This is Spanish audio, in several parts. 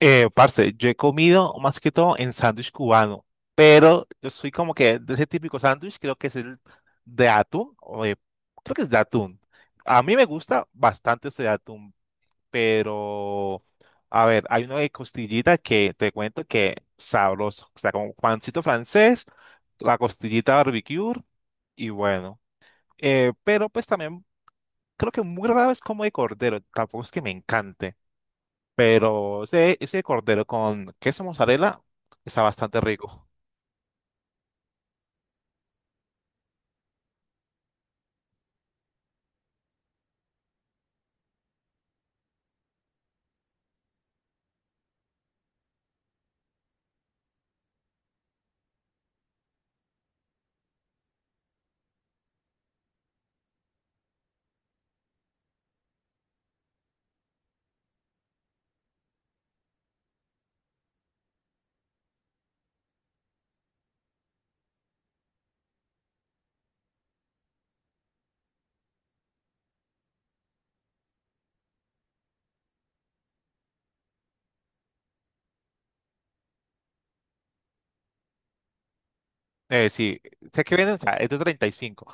Parce, yo he comido más que todo en sándwich cubano, pero yo soy como que de ese típico sándwich, creo que es el de atún, creo que es de atún. A mí me gusta bastante ese de atún, pero a ver, hay uno de costillita que te cuento que sabroso, o sea, como pancito francés, la costillita barbecue y bueno, pero pues también creo que muy raro es como de cordero, tampoco es que me encante. Pero ese cordero con queso mozzarella está bastante rico. Sí, sé que viene, o sea, es de 35.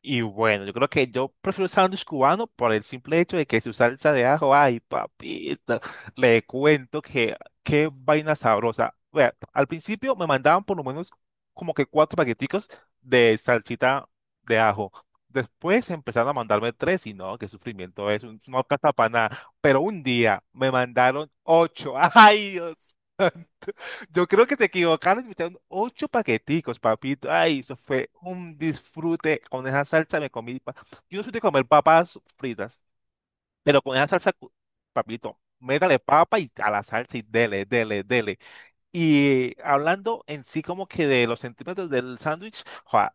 Y bueno, yo creo que yo prefiero el sándwich cubano por el simple hecho de que su salsa de ajo, ay, papita, le cuento que qué vaina sabrosa. Vea, al principio me mandaban por lo menos como que cuatro paqueticos de salsita de ajo. Después empezaron a mandarme tres y no, qué sufrimiento es, no alcanza para nada. Pero un día me mandaron ocho. Ay, Dios. Yo creo que te equivocaron y metieron ocho paqueticos, papito. Ay, eso fue un disfrute. Con esa salsa me comí. Yo no soy de comer papas fritas, pero con esa salsa, papito, métale papa y a la salsa y dele, dele, dele. Y hablando en sí como que de los centímetros del sándwich, joa,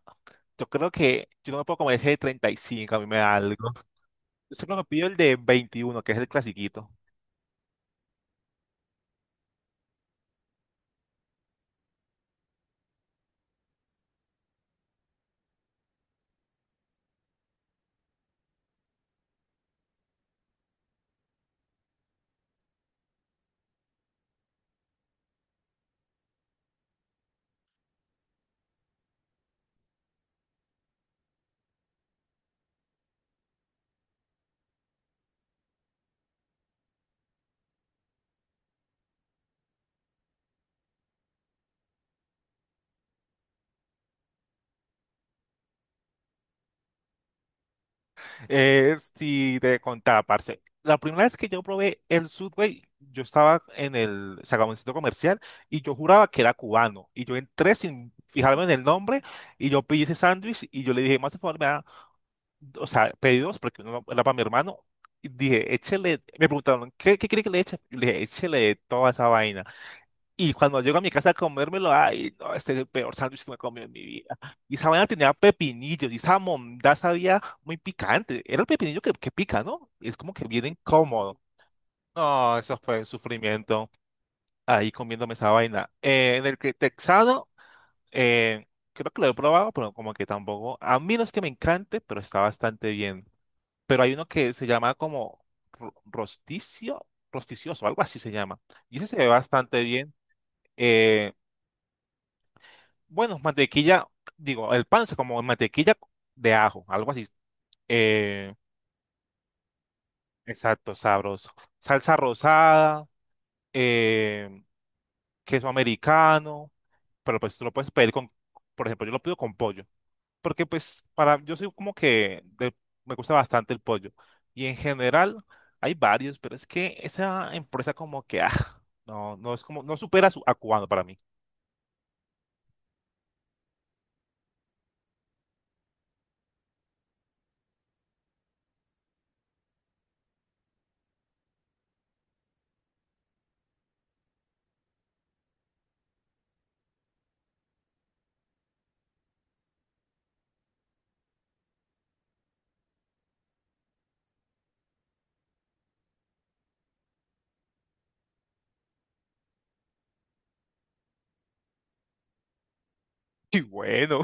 yo creo que yo no me puedo comer ese de 35, a mí me da algo. Yo siempre me pido el de 21 que es el clasiquito. Si te contaba, parce. La primera vez que yo probé el Subway, yo estaba en el, o sea, como en el centro comercial y yo juraba que era cubano. Y yo entré sin fijarme en el nombre y yo pedí ese sándwich y yo le dije, más de favor, me da, o sea, pedí dos porque uno era para mi hermano. Y dije, échele. Me preguntaron, ¿qué quiere que le eche? Y le dije, échele toda esa vaina. Y cuando llego a mi casa a comérmelo, ay, no, este es el peor sándwich que me he comido en mi vida. Y esa vaina tenía pepinillos, y esa mondá sabía muy picante. Era el pepinillo que pica, ¿no? Y es como que bien incómodo. No, eso fue sufrimiento ahí comiéndome esa vaina. En el que texano, eh, creo que lo he probado, pero como que tampoco. A mí no es que me encante, pero está bastante bien. Pero hay uno que se llama como ro- rosticio, rosticioso, algo así se llama. Y ese se ve bastante bien. Eh, Bueno, mantequilla, digo, el pan es como mantequilla de ajo, algo así. Eh, exacto, sabroso. Salsa rosada, eh, queso americano, pero pues tú lo puedes pedir con, por ejemplo, yo lo pido con pollo, porque pues para, yo soy como que me gusta bastante el pollo. Y en general hay varios, pero es que esa empresa como que, ah, no, no es como, no supera su, a cubano para mí. Y bueno.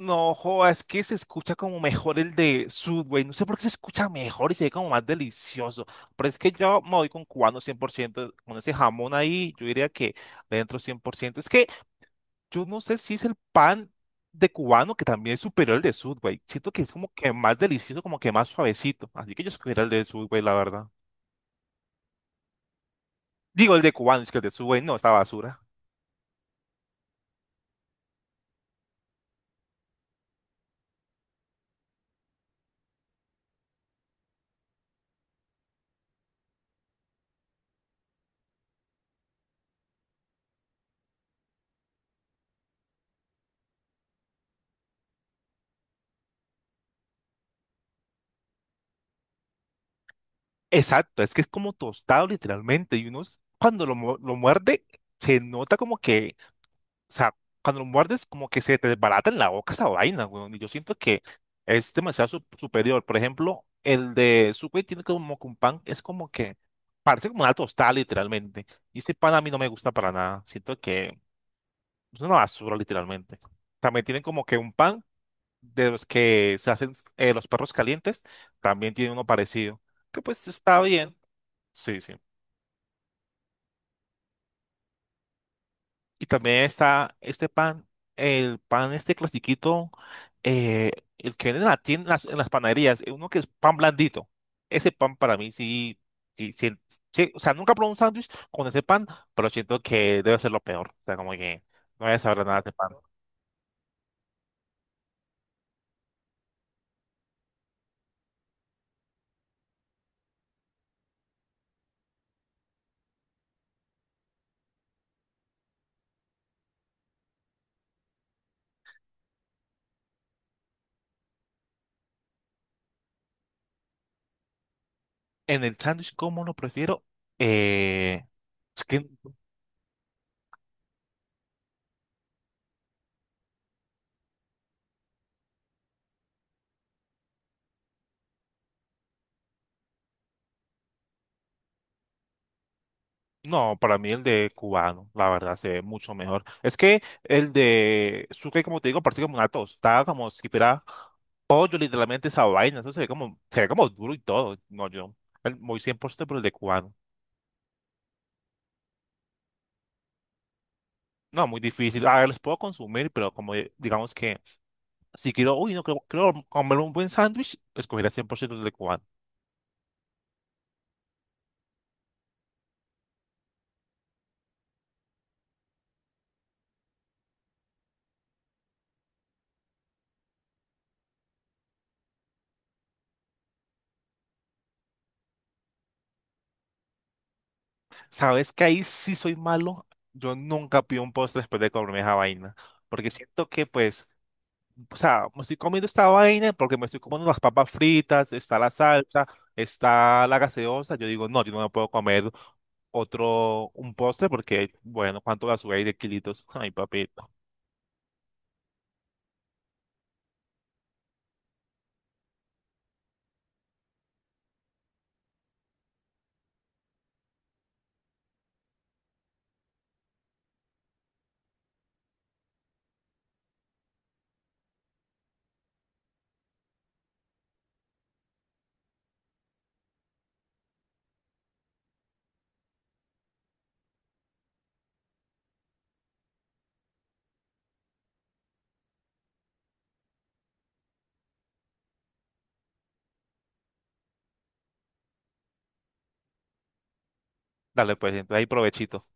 No, joa, es que se escucha como mejor el de Subway. No sé por qué se escucha mejor y se ve como más delicioso. Pero es que yo me voy con cubano 100%. Con ese jamón ahí, yo diría que le entro 100%. Es que yo no sé si es el pan de cubano que también es superior al de Subway. Siento que es como que más delicioso, como que más suavecito. Así que yo escogería el de Subway, la verdad. Digo, el de cubano, es que el de Subway no, esta basura. Exacto, es que es como tostado literalmente. Y uno cuando lo muerde, se nota como que, o sea, cuando lo muerdes, como que se te desbarata en la boca esa vaina, güey. Y yo siento que es demasiado superior. Por ejemplo, el de Subway tiene como que un pan, es como que parece como una tostada, literalmente. Y ese pan a mí no me gusta para nada. Siento que es una basura, literalmente. También tienen como que un pan de los que se hacen los perros calientes. También tiene uno parecido. Que pues está bien. Sí, sí. Y también está este pan, el pan este clasiquito, eh, el que venden en en las panaderías, uno que es pan blandito. Ese pan para mí sí, sí, sí- sí, o sea, nunca probé un sándwich con ese pan, pero siento que debe ser lo peor. O sea, como que no voy a saber nada de ese pan. En el sándwich, ¿cómo lo prefiero? Eh, es que No, para mí el de cubano, la verdad, se ve mucho mejor. Es que el de suque, como te digo, parece como una tostada, como si fuera pollo, literalmente esa vaina. Eso se ve como duro y todo. No, yo muy 100% por el de cubano. No, muy difícil. A ver, los puedo consumir, pero como digamos que si quiero, uy, no quiero, quiero comer un buen sándwich, escogería 100% el de cubano. ¿Sabes que ahí sí soy malo? Yo nunca pido un postre después de comerme esa vaina. Porque siento que, pues, o sea, me estoy comiendo esta vaina porque me estoy comiendo las papas fritas, está la salsa, está la gaseosa. Yo digo, no, yo no me puedo comer otro, un postre, porque, bueno, ¿cuánto va a subir de kilitos? Ay, papito. Dale, pues, entonces ahí provechito.